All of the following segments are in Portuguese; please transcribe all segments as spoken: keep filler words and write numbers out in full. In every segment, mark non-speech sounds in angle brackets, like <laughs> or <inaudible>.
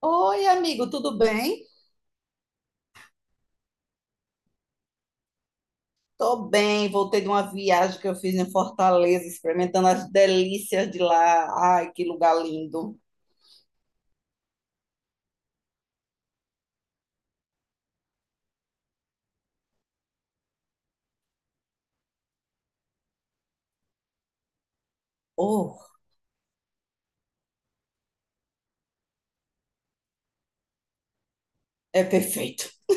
Oi, amigo, tudo bem? Tô bem, voltei de uma viagem que eu fiz em Fortaleza, experimentando as delícias de lá. Ai, que lugar lindo. Oh, é perfeito. <laughs>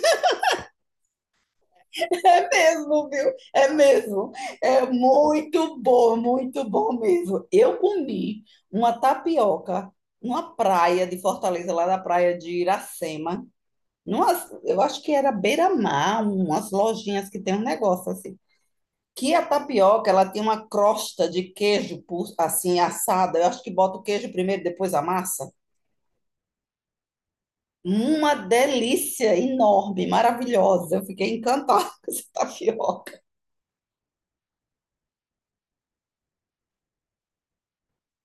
É mesmo, viu? É mesmo. É muito bom, muito bom mesmo. Eu comi uma tapioca numa praia de Fortaleza, lá da praia de Iracema. Numas, eu acho que era beira-mar, umas lojinhas que tem um negócio assim, que a tapioca ela tem uma crosta de queijo assim assada. Eu acho que bota o queijo primeiro, depois a massa. Uma delícia enorme, maravilhosa. Eu fiquei encantada <laughs> com essa tapioca.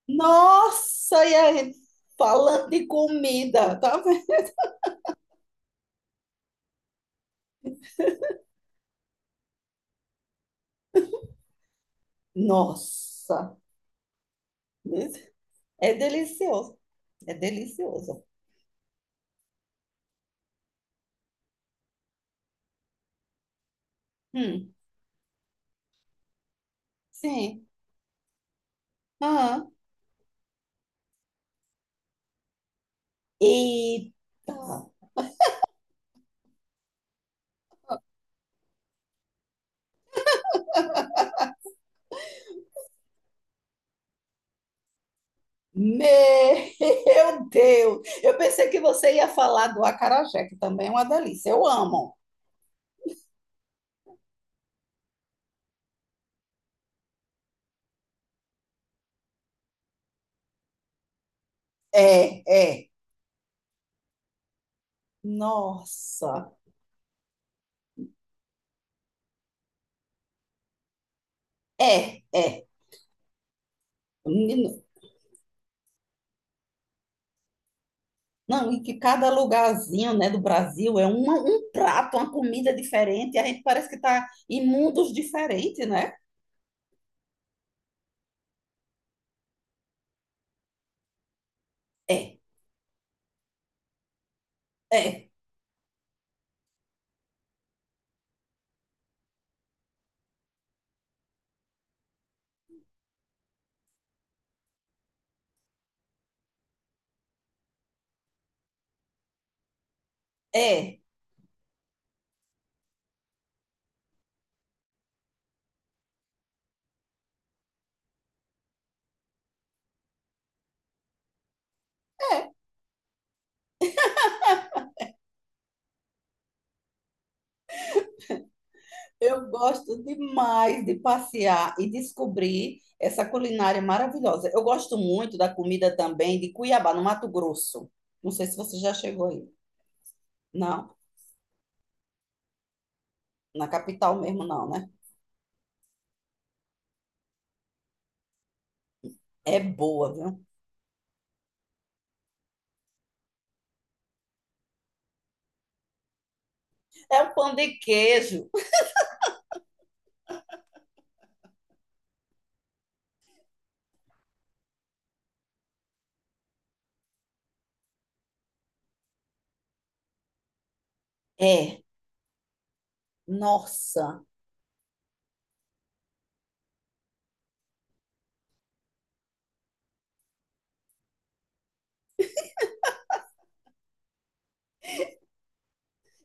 Nossa, e aí, falando de comida, tá vendo? Nossa, é delicioso. É delicioso. Hum, sim. Aham. Eita, meu Deus! Eu pensei que você ia falar do acarajé, que também é uma delícia. Eu amo. É, é. Nossa. É, é. Menino, não, e que cada lugarzinho, né, do Brasil é uma- um prato, uma comida diferente, e a gente parece que tá em mundos diferentes, né? É, é, é. Eu gosto demais de passear e descobrir essa culinária maravilhosa. Eu gosto muito da comida também de Cuiabá, no Mato Grosso. Não sei se você já chegou aí. Não, na capital mesmo não, né? É boa, viu? É o pão de queijo. É, nossa.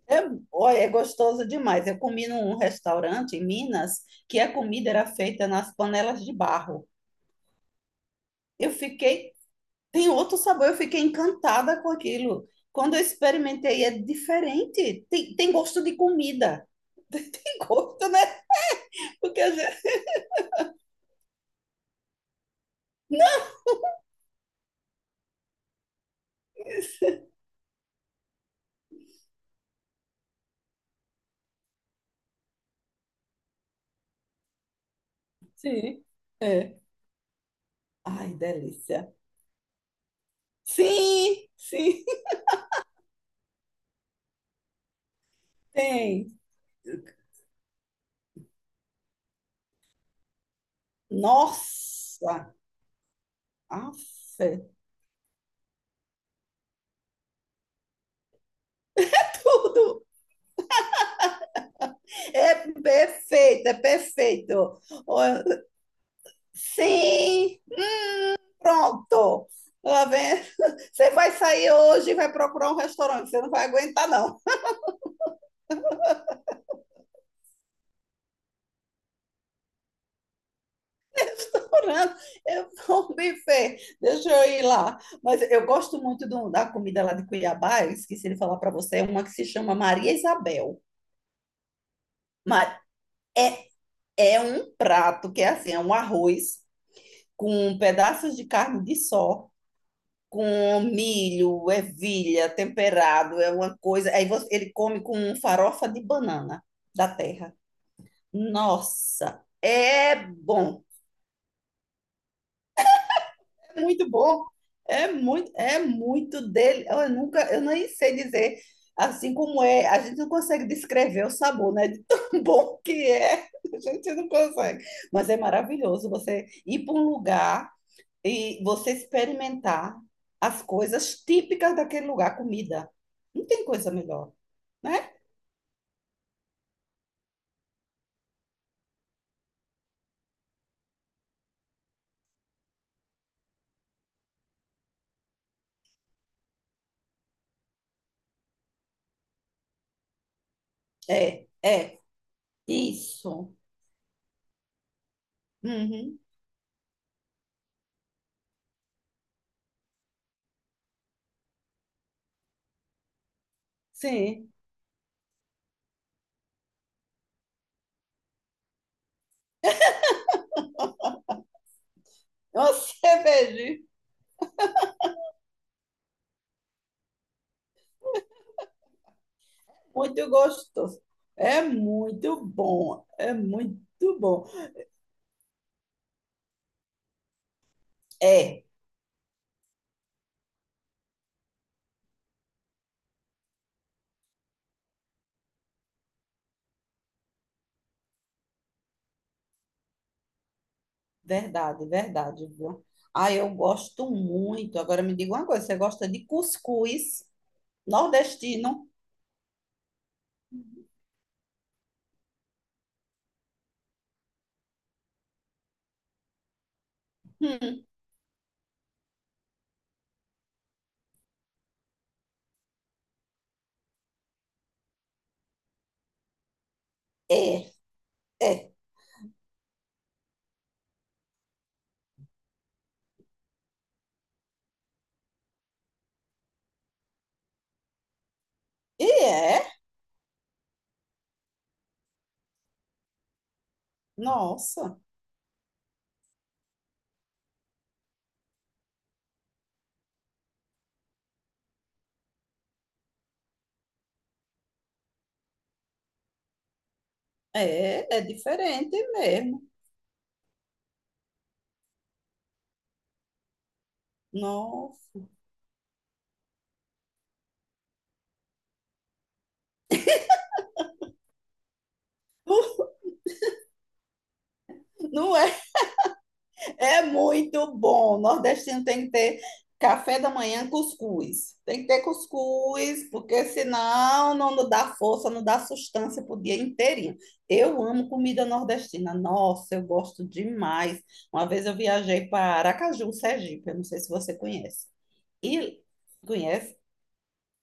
É, olha, é gostoso demais. Eu comi num restaurante em Minas que a comida era feita nas panelas de barro. Eu fiquei, tem outro sabor, eu fiquei encantada com aquilo. Quando eu experimentei, é diferente. Tem, tem gosto de comida. <laughs> Tem gosto, né? Porque a gente. Não. <laughs> Sim, é. Ai, delícia. Sim, sim, <laughs> tem. Nossa, afe. Tudo é perfeito, é perfeito. Ó, sim, pronto. Lá vem. <laughs> Você vai sair hoje e vai procurar um restaurante. Você não vai aguentar, não. Procurando. Eu vou <laughs> um buffet, deixa eu ir lá. Mas eu gosto muito do- da comida lá de Cuiabá, eu esqueci de falar para você, é uma que se chama Maria Isabel. Mas é um prato que é assim, é um arroz com pedaços de carne de sol, com milho, ervilha, temperado, é uma coisa. Aí você- ele come com farofa de banana da terra. Nossa, é bom. É muito bom. É muito, é muito dele. Eu nunca, eu nem sei dizer assim como é. A gente não consegue descrever o sabor, né? De <laughs> tão bom que é. A gente não consegue. Mas é maravilhoso você ir para um lugar e você experimentar as coisas típicas daquele lugar, comida. Não tem coisa melhor, né? É, é. Isso. Uhum. Sim. Uma cerveja. <laughs> Muito gostoso. É muito bom, é muito bom. É, verdade, verdade, viu? Ah, eu gosto muito. Agora me diga uma coisa, você gosta de cuscuz nordestino? Hum, é, é. E é? Nossa, é, é diferente mesmo. Nossa. Não é. É muito bom. Nordestino tem que ter café da manhã, cuscuz. Tem que ter cuscuz, porque senão não não dá força, não dá sustância para o dia inteirinho. Eu amo comida nordestina. Nossa, eu gosto demais. Uma vez eu viajei para Aracaju, Sergipe. Eu não sei se você conhece. E conhece?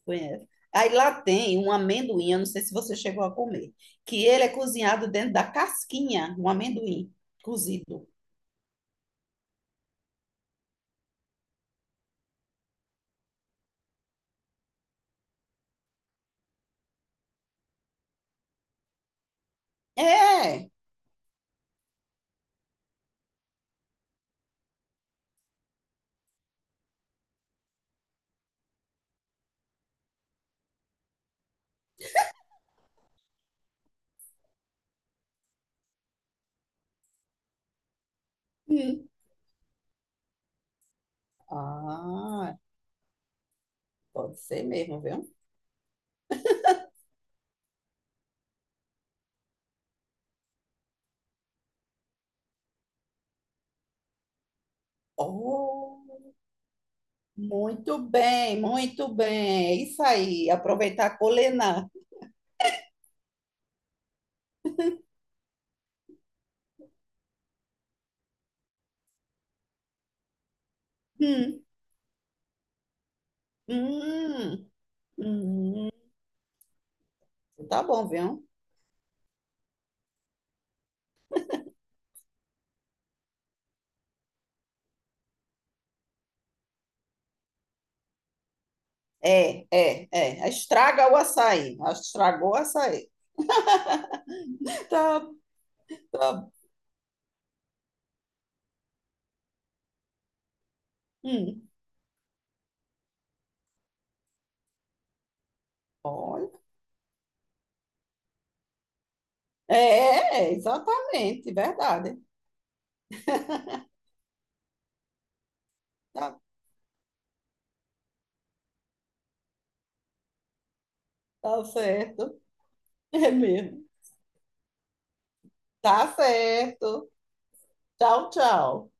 Conhece. Aí lá tem um amendoim, eu não sei se você chegou a comer, que ele é cozinhado dentro da casquinha, um amendoim cozido. É! Hum. Ah, pode ser mesmo, viu? Oh, muito bem, muito bem. É isso aí, aproveitar a colena. Hum, hum, hum. Tá bom, viu? É, é, é. Estraga o açaí. Estragou o açaí. <laughs> Tá, tá. Hum. Olha. É, é, exatamente, verdade. Tá, tá certo. É mesmo. Tá certo. Tchau, tchau.